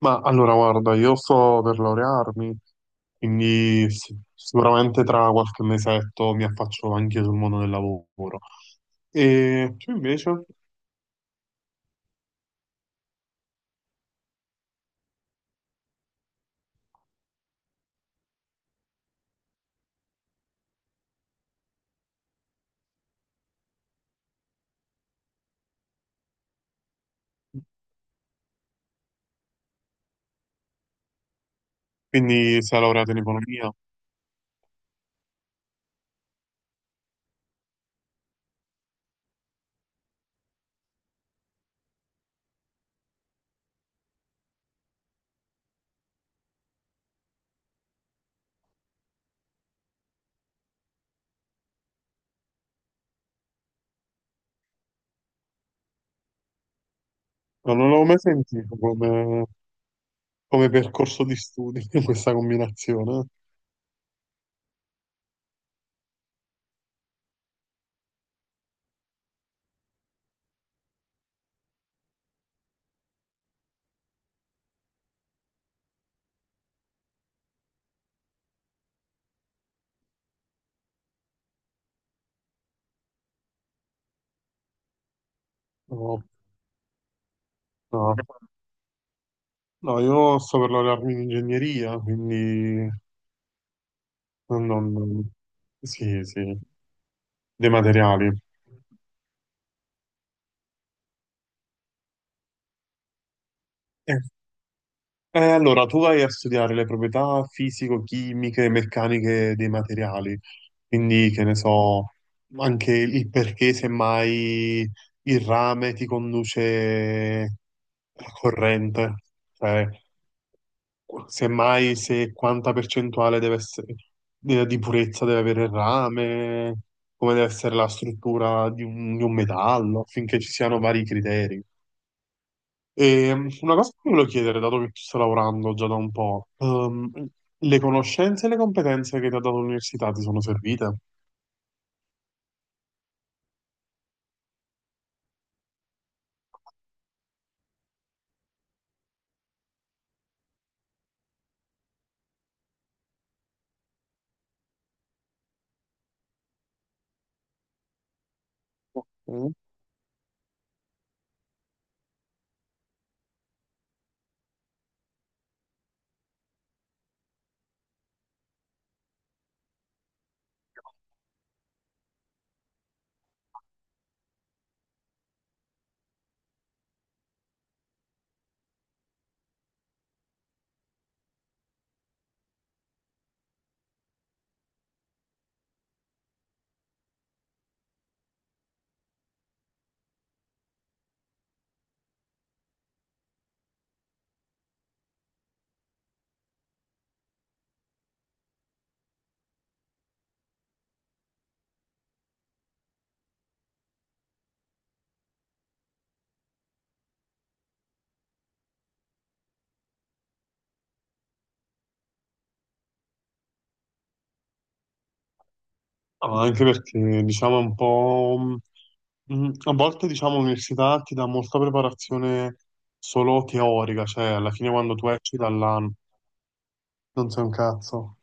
Ma allora, guarda, io sto per laurearmi, quindi sì, sicuramente tra qualche mesetto mi affaccio anche sul mondo del lavoro. E tu invece? Quindi sei laureato in economia? No, non l'avevo mai sentito come percorso di studi questa combinazione. No, no. No, io sto per laurearmi in ingegneria, quindi non, non- sì, sì, dei materiali. Eh, allora, tu vai a studiare le proprietà fisico-chimiche e meccaniche dei materiali, quindi che ne so, anche il perché semmai il rame ti conduce la corrente, cioè semmai se quanta percentuale deve essere, di purezza deve avere il rame, come deve essere la struttura di un metallo, affinché ci siano vari criteri. Una cosa che ti volevo chiedere, dato che tu stai lavorando già da un po', le conoscenze e le competenze che ti ha dato l'università ti sono servite? Mm. Ah, anche perché, diciamo, è un po', a volte, diciamo, l'università ti dà molta preparazione solo teorica, cioè alla fine quando tu esci dall'anno non sei un cazzo.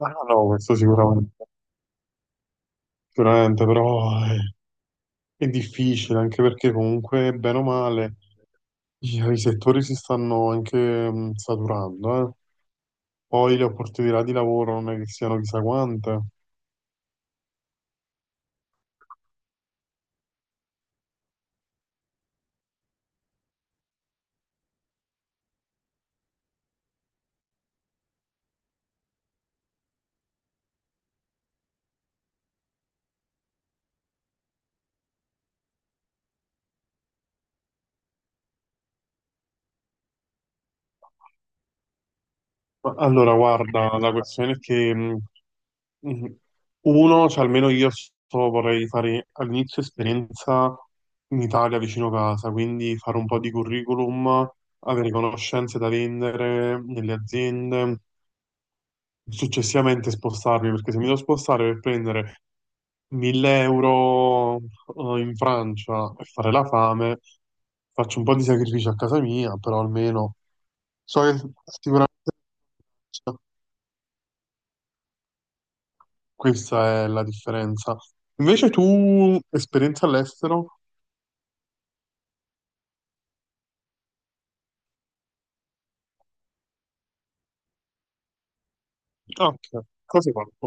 Ah no, questo sicuramente, sicuramente, però è difficile anche perché comunque, bene o male, i settori si stanno anche saturando, eh. Poi le opportunità di lavoro non è che siano chissà quante. Ma allora, guarda, la questione è che mh, uno, cioè almeno io vorrei fare all'inizio esperienza in Italia vicino casa, quindi fare un po' di curriculum, avere conoscenze da vendere nelle aziende. Successivamente spostarmi, perché se mi devo spostare per prendere 1000 euro, in Francia e fare la fame, faccio un po' di sacrifici a casa mia, però almeno so che sicuramente questa è la differenza. Invece tu, esperienza all'estero? Ah, ok, cosa hai fatto?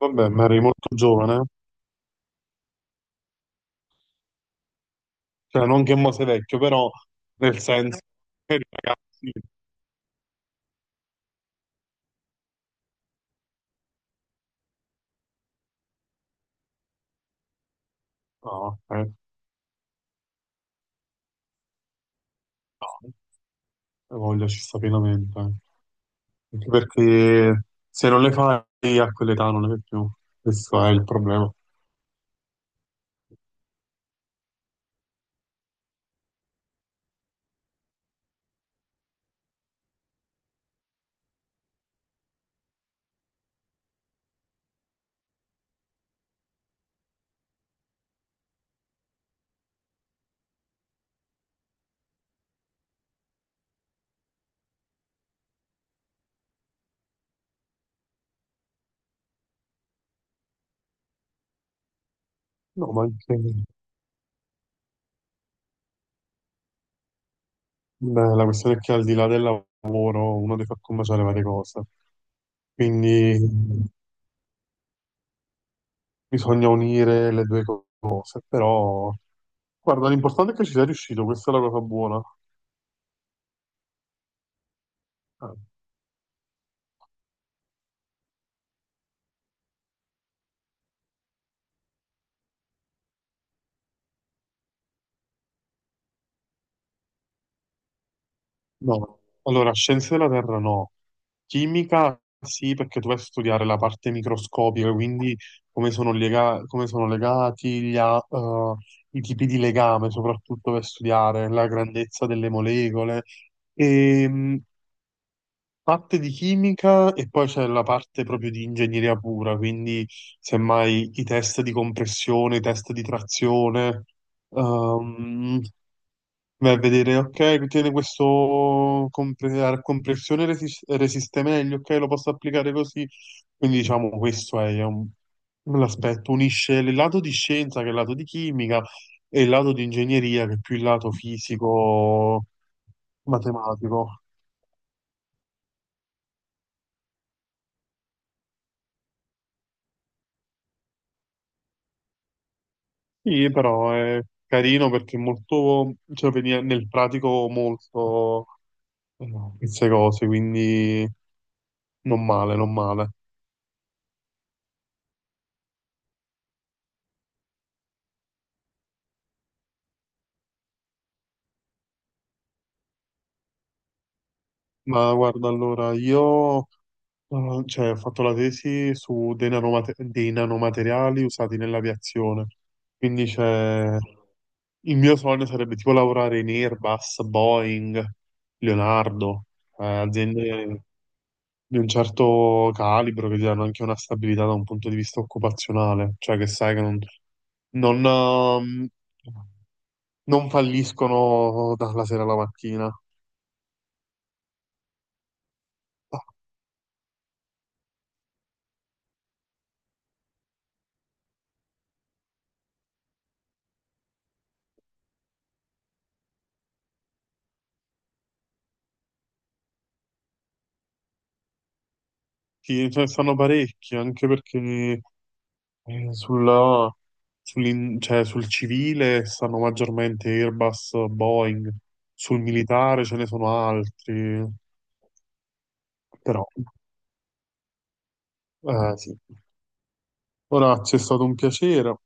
Vabbè, ma eri molto giovane, cioè non che mo sei vecchio, però nel senso che eri ragazzi. Ah, ok, no, voglia ci sta pienamente. Eh. Anche perché se non le fai a quell'età non ne fai più, questo è il problema. No, ma anche beh, la questione è che al di là del lavoro uno deve far combaciare varie cose, quindi bisogna unire le due cose, però guarda, l'importante è che ci sei riuscito, questa è la cosa buona. Ah. No, allora scienze della Terra no, chimica sì perché tu vai a studiare la parte microscopica, quindi come sono legati i tipi di legame, soprattutto per studiare la grandezza delle molecole. E, parte di chimica e poi c'è la parte proprio di ingegneria pura, quindi semmai i test di compressione, i test di trazione. ehm, Vai a vedere, ok, tiene questo a compressione resiste meglio, ok, lo posso applicare così. Quindi diciamo questo è l'aspetto, unisce il lato di scienza che è il lato di chimica e il lato di ingegneria che è più il lato fisico, matematico. Sì, però è carino perché è molto, cioè veniva nel pratico molto eh, queste cose, quindi non male, non male. Ma guarda, allora, io cioè, ho fatto la tesi su dei nanomateriali usati nell'aviazione. Quindi c'è. Il mio sogno sarebbe tipo lavorare in Airbus, Boeing, Leonardo, aziende di un certo calibro che ti danno anche una stabilità da un punto di vista occupazionale, cioè che sai che non, ehm, non falliscono dalla sera alla mattina. Ah, sì, ce ne stanno parecchi, anche perché. Eh, Sulla, cioè, sul civile stanno maggiormente Airbus, Boeing, sul militare ce ne sono altri, però sì. Ora, c'è stato un piacere,